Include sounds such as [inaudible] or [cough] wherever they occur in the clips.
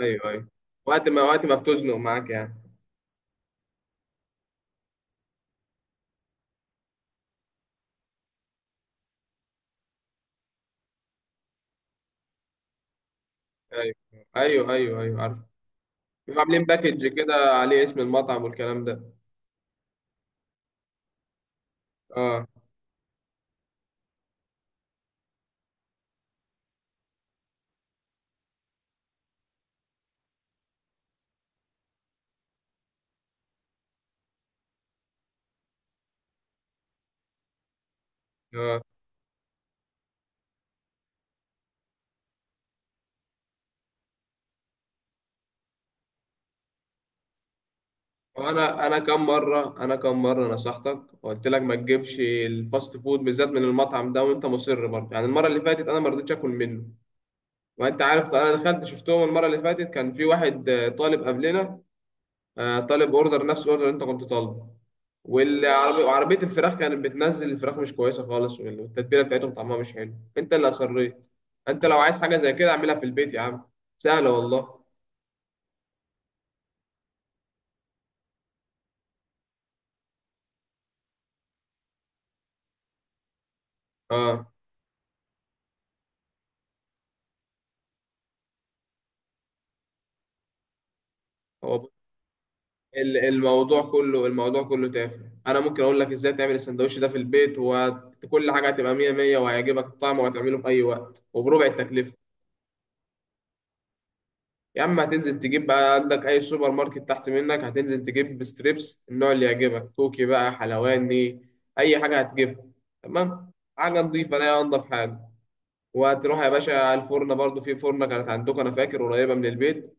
ايوه، ايوه. وقت ما بتزنق معاك يعني. ايوه، ايوه، ايوه. ايوه، عارف. بيبقوا عاملين باكج كده عليه اسم المطعم والكلام ده. اه اه. وانا كم مره نصحتك وقلت لك ما تجيبش الفاست فود بالذات من المطعم ده، وانت مصر برضه يعني. المره اللي فاتت انا ما رضيتش اكل منه، وانت عارف. انا دخلت شفتهم المره اللي فاتت، كان في واحد طالب قبلنا، طالب اوردر نفس الاوردر اللي انت كنت طالبه، والعربية وعربية الفراخ كانت بتنزل الفراخ مش كويسة خالص، والتتبيلة بتاعتهم طعمها مش حلو. انت اللي اصريت. انت لو عايز حاجة زي كده اعملها في البيت يا عم، سهلة والله. اه هو الموضوع كله تافه. انا ممكن اقول لك ازاي تعمل السندوتش ده في البيت، وكل حاجة هتبقى مية مية، وهيعجبك الطعم، وهتعمله في اي وقت وبربع التكلفة. يا عم هتنزل تجيب بقى عندك اي سوبر ماركت تحت منك، هتنزل تجيب ستريبس النوع اللي يعجبك، كوكي بقى، حلواني، اي حاجه هتجيبها. تمام. حاجه نضيفه، لا انضف حاجه. وهتروح يا باشا على الفرن، برضو في فرنه كانت عندكم انا فاكر قريبه من البيت،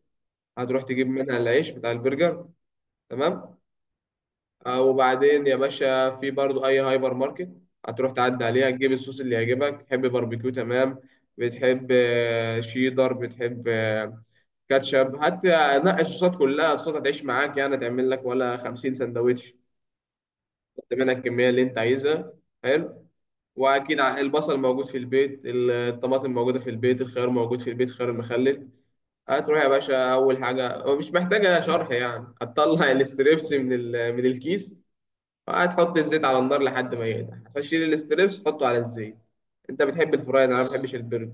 هتروح تجيب منها العيش بتاع البرجر. تمام. وبعدين يا باشا في برضو اي هايبر ماركت هتروح تعدي عليها تجيب الصوص اللي يعجبك. تحب باربيكيو، تمام. بتحب شيدر، بتحب كاتشب، هات. نقي الصوصات كلها. الصوصات هتعيش معاك، يعني تعمل لك ولا 50 سندوتش. حط منها الكميه اللي انت عايزها. حلو. واكيد البصل موجود في البيت، الطماطم موجوده في البيت، الخيار موجود في البيت، خيار المخلل. هتروح يا باشا اول حاجه، هو مش محتاجه شرح يعني، هتطلع [laughs] الاستريبس من الكيس، وهتحط الزيت على النار لحد ما يقدح، هتشيل الاستريبس تحطه على الزيت. انت بتحب الفرايد، انا ما بحبش البرجر.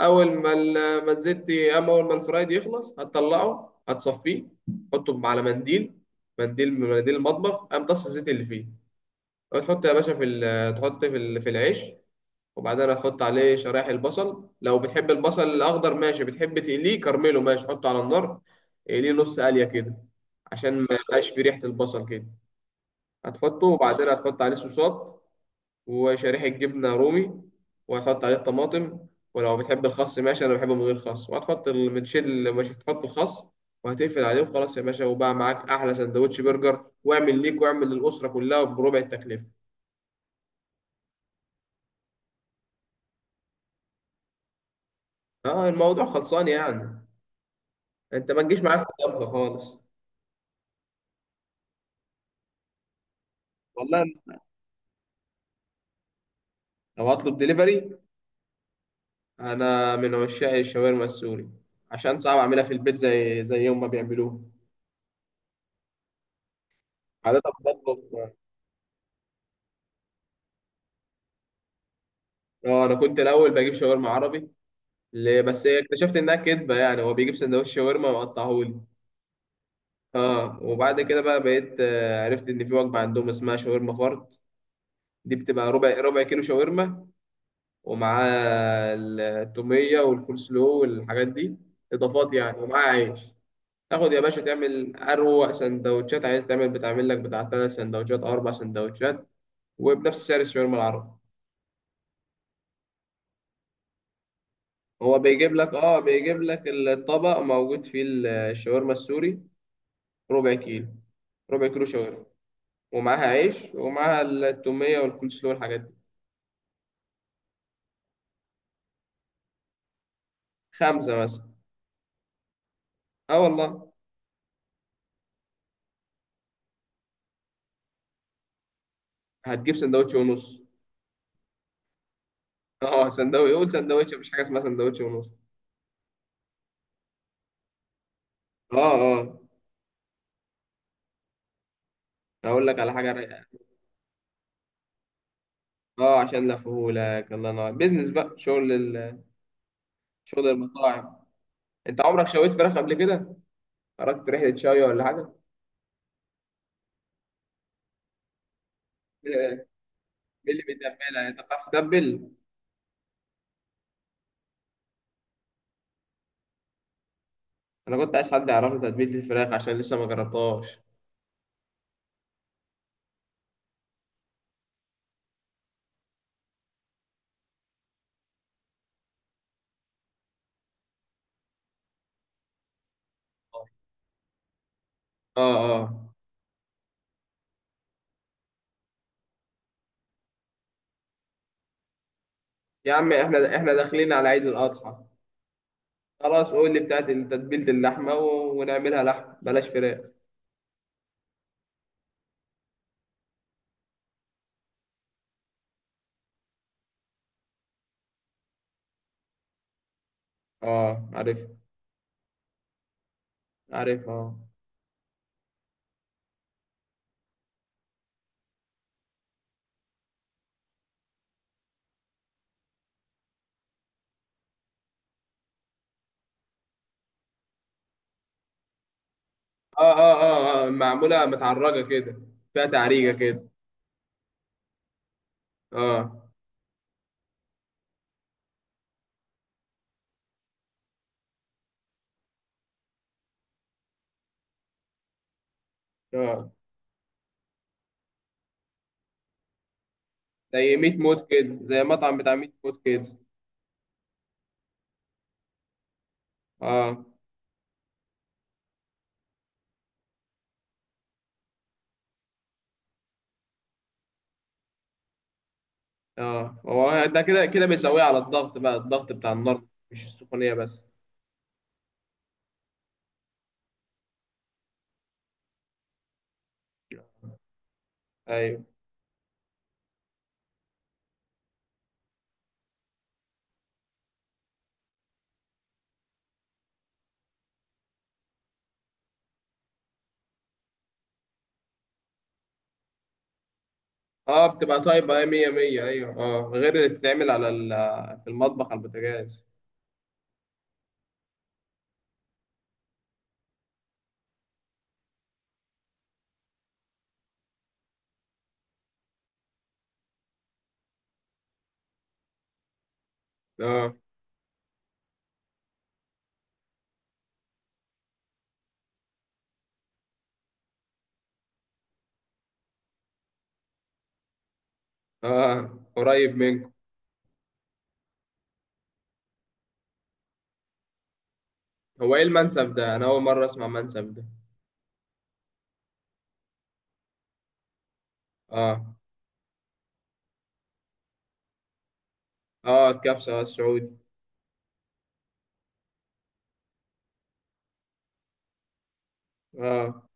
اول ما ال- ما الزيت اما اول ما الفرايد يخلص هتطلعه، هتصفيه، تحطه على منديل، منديل من مناديل المطبخ، قام طص الزيت اللي فيه. وتحط يا باشا تحط في العيش، وبعدين هتحط عليه شرايح البصل، لو بتحب البصل الاخضر ماشي، بتحب تقليه كرمله ماشي، حطه على النار، اقليه نص قليه كده، عشان ما يبقاش فيه ريحه البصل كده. هتحطه، وبعدين هتحط عليه صوصات، وشريحة جبنة رومي، وهتحط عليه الطماطم، ولو بتحب الخس ماشي، أنا بحبه من غير خس، وهتحط المتشل، مش هتحط الخس، وهتقفل عليه، وخلاص يا باشا، وبقى معاك أحلى سندوتش برجر. واعمل ليك، واعمل للأسرة كلها بربع التكلفة. اه، الموضوع خلصان يعني. انت ما تجيش معايا في الطبخ خالص. والله لو هطلب دليفري، انا من عشاق الشاورما السوري، عشان صعب اعملها في البيت زي يوم ما بيعملوها. عادة بطلب، اه، انا كنت الاول بجيب شاورما عربي، ليه بس اكتشفت انها كدبه يعني، هو بيجيب سندوتش شاورما مقطعهولي. اه. وبعد كده بقى بقيت عرفت ان في وجبه عندهم اسمها شاورما فرد. دي بتبقى ربع كيلو شاورما، ومعاه التوميه والكول سلو والحاجات دي، اضافات يعني، ومعاه عيش. تاخد يا باشا تعمل اروق سندوتشات، عايز تعمل بتعمل لك بتاع ثلاث سندوتشات او اربع سندوتشات، وبنفس سعر الشاورما العربي. هو بيجيب لك، اه، بيجيب لك الطبق موجود فيه الشاورما السوري، ربع كيلو، ربع كيلو شاورما، ومعاها عيش، ومعاها التومية والكولسلو والحاجات دي. خمسة مثلا. اه، والله. هتجيب سندوتش ونص [laughs] اه سندوتش، يقول سندوتش، مفيش حاجة اسمها سندوتش ونص. اه، اه. هقول لك على حاجة رايقة. اه، عشان لفهولك. الله ينور بيزنس بقى، شغل ال... شغل المطاعم. انت عمرك شويت فراخ قبل كده؟ خرجت رحلة شوي ولا حاجة؟ [laughs] مين اللي بيتبلها؟ انت بتعرف تتبل؟ انا كنت عايز حد يعرفني تتبيلة الفراخ عشان لسه ما جربتهاش. اه. اه، يا عم احنا داخلين على عيد الاضحى. خلاص قول لي بتاعت تتبيلة اللحمة، و... ونعملها لحم، بلاش فراخ. اه، عارف. عارف، اه. اه، اه. اه، آه. معمولة متعرجة كده، فيها تعريجة كده. اه. اه، زي ميت موت كده، زي مطعم بتاع ميت موت كده. اه. اه، هو ده كده كده بيسويه على الضغط بقى، الضغط بتاع النار، مش السخونية بس. ايوه. اه، بتبقى طيبة ايه، مية مية، ايوه. اه، غير اللي بتتعمل على ال... في المطبخ على البوتاجاز. اه. اه، قريب منك. هو ايه المنسف ده؟ انا اول مره اسمع منسف ده. اه. اه، الكبسه، السعودي. اه،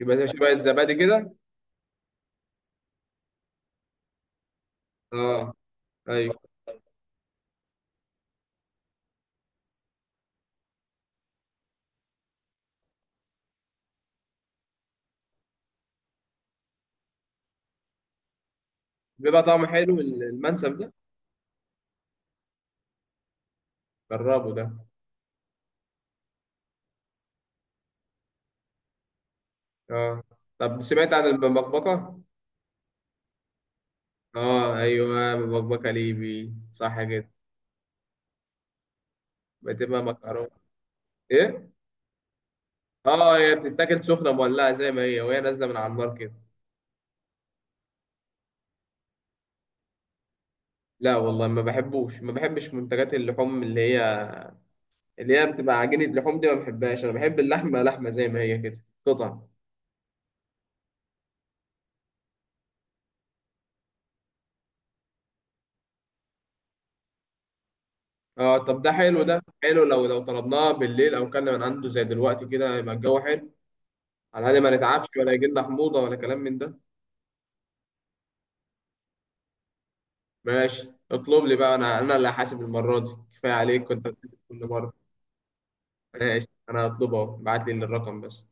يبقى زي شبه الزبادي كده. اه. ايوه. بيبقى طعمه حلو المنسف ده؟ جربه ده. اه. طب سمعت عن المبكبكه؟ اه، ايوه، مبكبكه ليبي صح كده. بتبقى مكرونه. ايه. اه، هي بتتاكل سخنه مولعه زي ما هي، وهي نازله من على النار كده. لا والله، ما بحبوش. ما بحبش منتجات اللحوم اللي هي اللي هي بتبقى عجينه لحوم دي، ما بحبهاش. انا بحب اللحمه لحمه زي ما هي كده، قطع. اه، طب ده حلو. ده حلو لو طلبناه بالليل، او كنا من عنده زي دلوقتي كده، يبقى الجو حلو. على الاقل ما نتعبش، ولا يجي لنا حموضه ولا كلام من ده. ماشي، اطلب لي بقى، انا اللي هحاسب المره دي، كفايه عليك كنت بتحاسب كل مره. ماشي، انا هطلبه، اهو ابعت لي الرقم بس.